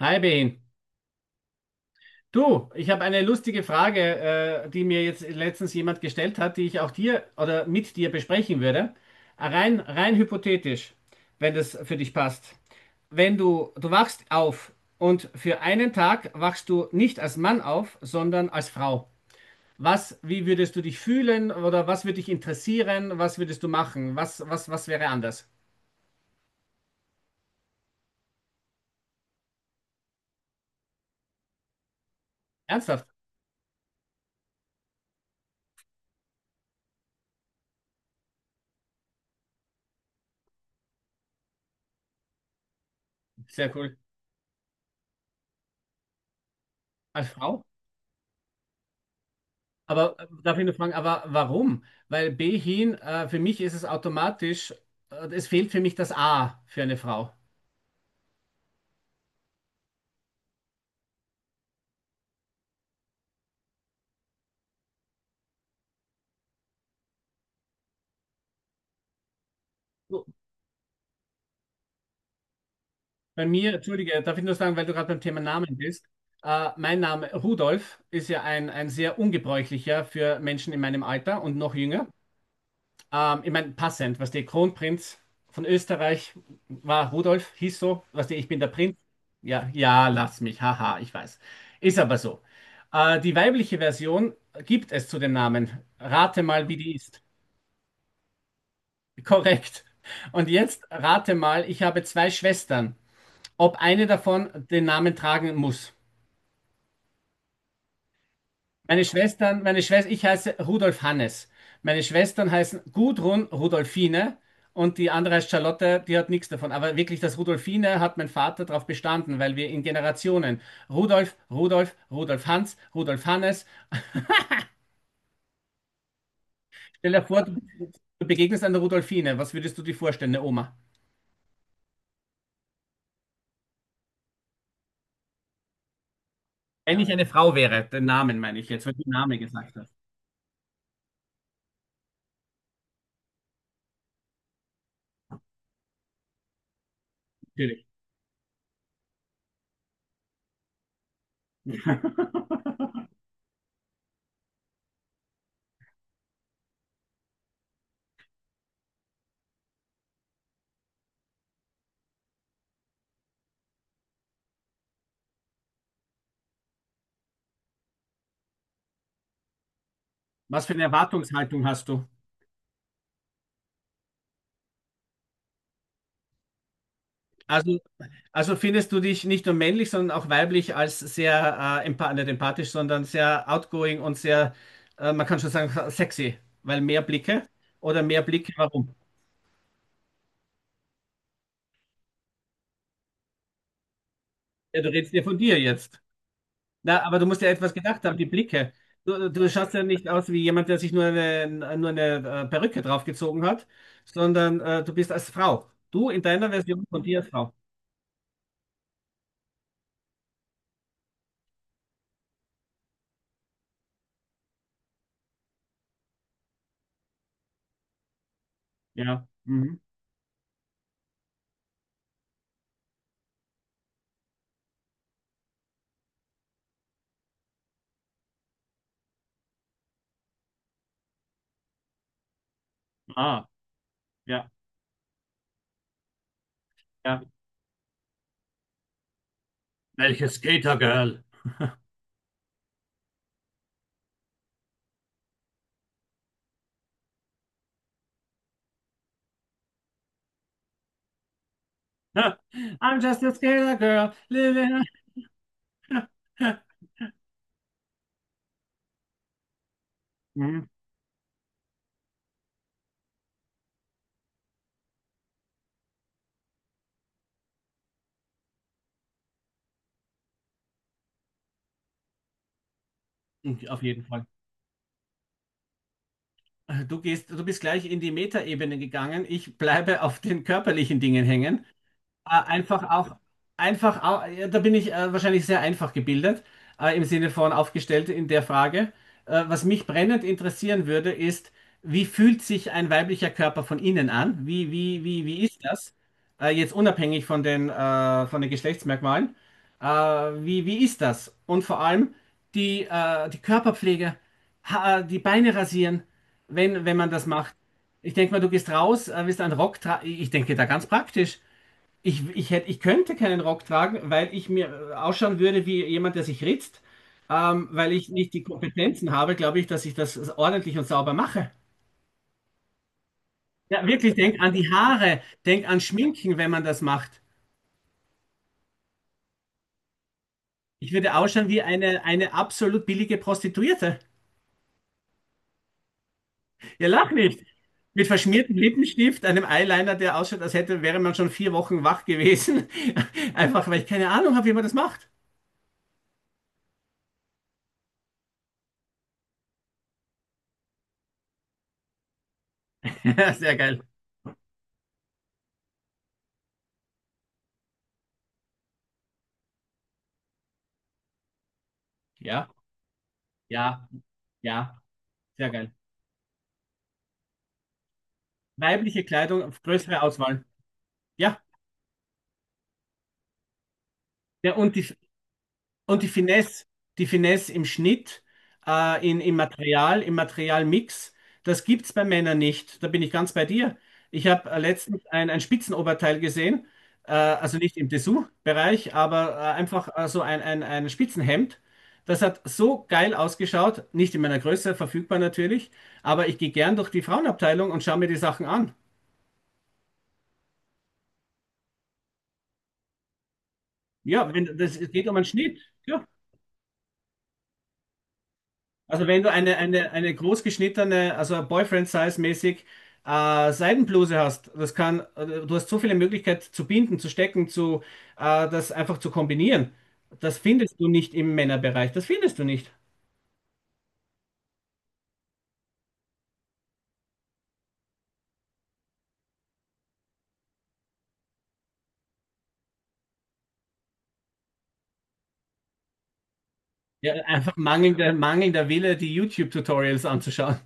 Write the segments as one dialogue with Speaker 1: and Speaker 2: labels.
Speaker 1: Hi Ben. Du, ich habe eine lustige Frage, die mir jetzt letztens jemand gestellt hat, die ich auch dir oder mit dir besprechen würde. Rein hypothetisch, wenn das für dich passt. Wenn du wachst auf und für einen Tag wachst du nicht als Mann auf, sondern als Frau. Was, wie würdest du dich fühlen oder was würde dich interessieren? Was würdest du machen? Was wäre anders? Ernsthaft? Sehr cool. Als Frau? Aber darf ich nur fragen, aber warum? Weil Behin, für mich ist es automatisch, es fehlt für mich das A für eine Frau. So, bei mir, entschuldige, darf ich nur sagen, weil du gerade beim Thema Namen bist, mein Name Rudolf ist ja ein sehr ungebräuchlicher für Menschen in meinem Alter und noch jünger. Ich meine, passend, was der Kronprinz von Österreich war, Rudolf hieß so, was der, ich bin der Prinz. Ja, ja, lass mich, haha, ich weiß. Ist aber so. Die weibliche Version gibt es zu dem Namen. Rate mal, wie die ist. Korrekt. Und jetzt rate mal, ich habe zwei Schwestern, ob eine davon den Namen tragen muss. Meine Schwestern, meine Schwester, ich heiße Rudolf Hannes. Meine Schwestern heißen Gudrun Rudolfine und die andere heißt Charlotte, die hat nichts davon. Aber wirklich, das Rudolfine hat mein Vater darauf bestanden, weil wir in Generationen Rudolf, Rudolf, Rudolf Hans, Rudolf Hannes. Stell dir vor, du begegnest einer Rudolfine. Was würdest du dir vorstellen, eine Oma? Wenn ich eine Frau wäre, den Namen meine ich jetzt, weil du Name gesagt hast. Natürlich. Was für eine Erwartungshaltung hast du? Also, also findest du dich nicht nur männlich, sondern auch weiblich als sehr, empa nicht empathisch, sondern sehr outgoing und sehr, man kann schon sagen, sexy, weil mehr Blicke oder mehr Blicke, warum? Ja, du redest ja von dir jetzt. Na, aber du musst ja etwas gedacht haben, die Blicke. Du schaust ja nicht aus wie jemand, der sich nur eine Perücke draufgezogen hat, sondern du bist als Frau. Du in deiner Version von dir als Frau. Ja. Mhm. Ah, ja, ja. Welches Skatergirl? I'm just a scared girl living. a- Mhm. Auf jeden Fall. Du gehst, du bist gleich in die Metaebene gegangen. Ich bleibe auf den körperlichen Dingen hängen. Einfach auch, einfach auch, ja, da bin ich wahrscheinlich sehr einfach gebildet, im Sinne von aufgestellt in der Frage. Was mich brennend interessieren würde, ist, wie fühlt sich ein weiblicher Körper von innen an? Wie ist das? Jetzt unabhängig von den Geschlechtsmerkmalen. Wie ist das? Und vor allem die, die Körperpflege, ha die Beine rasieren, wenn man das macht. Ich denke mal, du gehst raus, willst einen Rock tragen. Ich denke da ganz praktisch. Ich könnte keinen Rock tragen, weil ich mir ausschauen würde wie jemand, der sich ritzt. Weil ich nicht die Kompetenzen habe, glaube ich, dass ich das ordentlich und sauber mache. Ja, wirklich, denk an die Haare, denk an Schminken, wenn man das macht. Ich würde ausschauen wie eine absolut billige Prostituierte. Ja, lach nicht. Mit verschmiertem Lippenstift, einem Eyeliner, der ausschaut, wäre man schon 4 Wochen wach gewesen. Einfach, weil ich keine Ahnung habe, wie man das macht. Sehr geil. Ja, ja, ja, sehr geil. Weibliche Kleidung, größere Auswahl. Ja, ja und und die Finesse im Schnitt, im Material, im Materialmix, das gibt's bei Männern nicht. Da bin ich ganz bei dir. Ich habe letztens ein Spitzenoberteil gesehen, also nicht im Dessous-Bereich, aber einfach so ein Spitzenhemd. Das hat so geil ausgeschaut, nicht in meiner Größe, verfügbar natürlich, aber ich gehe gern durch die Frauenabteilung und schaue mir die Sachen an. Ja, wenn, das, es geht um einen Schnitt. Ja. Also wenn du eine großgeschnittene, also Boyfriend-Size-mäßig Seidenbluse hast, das kann, du hast so viele Möglichkeiten zu binden, zu stecken, zu das einfach zu kombinieren. Das findest du nicht im Männerbereich. Das findest du nicht. Ja, einfach mangelnder Wille, die YouTube-Tutorials anzuschauen.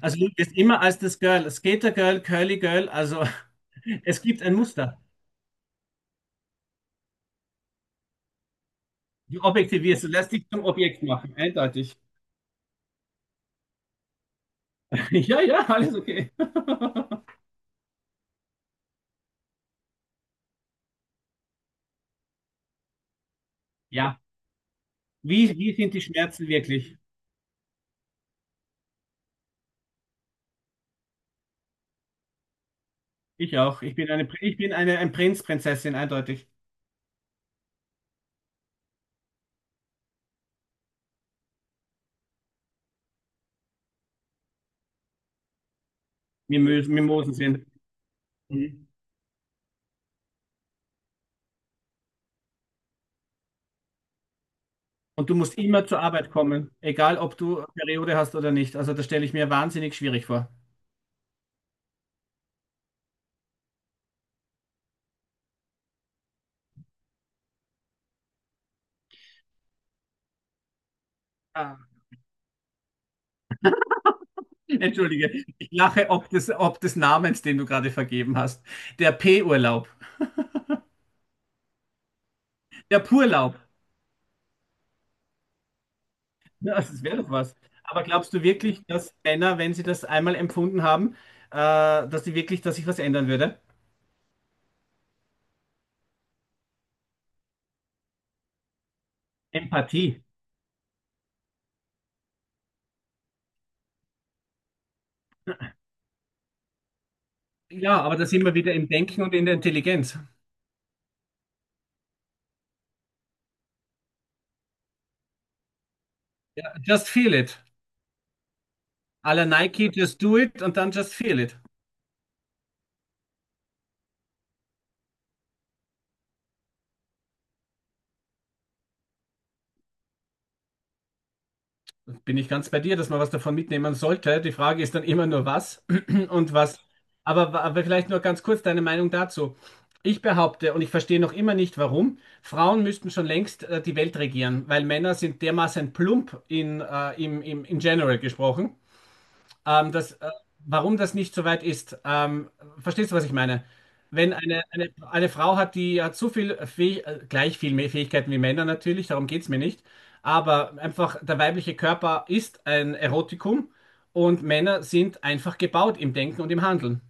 Speaker 1: Also du bist immer als das Girl, Skater-Girl, Curly-Girl, also es gibt ein Muster. Du objektivierst, du lässt dich zum Objekt machen, eindeutig. Ja, ja, alles okay. Ja. Wie sind die Schmerzen wirklich? Ich auch. Ich bin eine, ein Prinz, Prinzessin, eindeutig. Mimosen Mimosen sind. Mhm. Und du musst immer zur Arbeit kommen, egal ob du Periode hast oder nicht. Also das stelle ich mir wahnsinnig schwierig vor. Ah. Entschuldige, ich lache ob des Namens, den du gerade vergeben hast. Der P-Urlaub. Der Purlaub. Ja, das wäre doch was. Aber glaubst du wirklich, dass Männer, wenn sie das einmal empfunden haben, dass sie wirklich, dass sich was ändern würde? Empathie. Ja, aber da sind wir wieder im Denken und in der Intelligenz. Ja, just feel it. À la Nike, just do it und dann just feel it. Bin ich ganz bei dir, dass man was davon mitnehmen sollte. Die Frage ist dann immer nur was und was. Aber vielleicht nur ganz kurz deine Meinung dazu. Ich behaupte, und ich verstehe noch immer nicht warum, Frauen müssten schon längst die Welt regieren, weil Männer sind dermaßen plump in, in general gesprochen. Das, warum das nicht so weit ist, verstehst du, was ich meine? Wenn eine Frau hat, die hat so viel Fäh gleich viel mehr Fähigkeiten wie Männer natürlich, darum geht es mir nicht, aber einfach der weibliche Körper ist ein Erotikum und Männer sind einfach gebaut im Denken und im Handeln.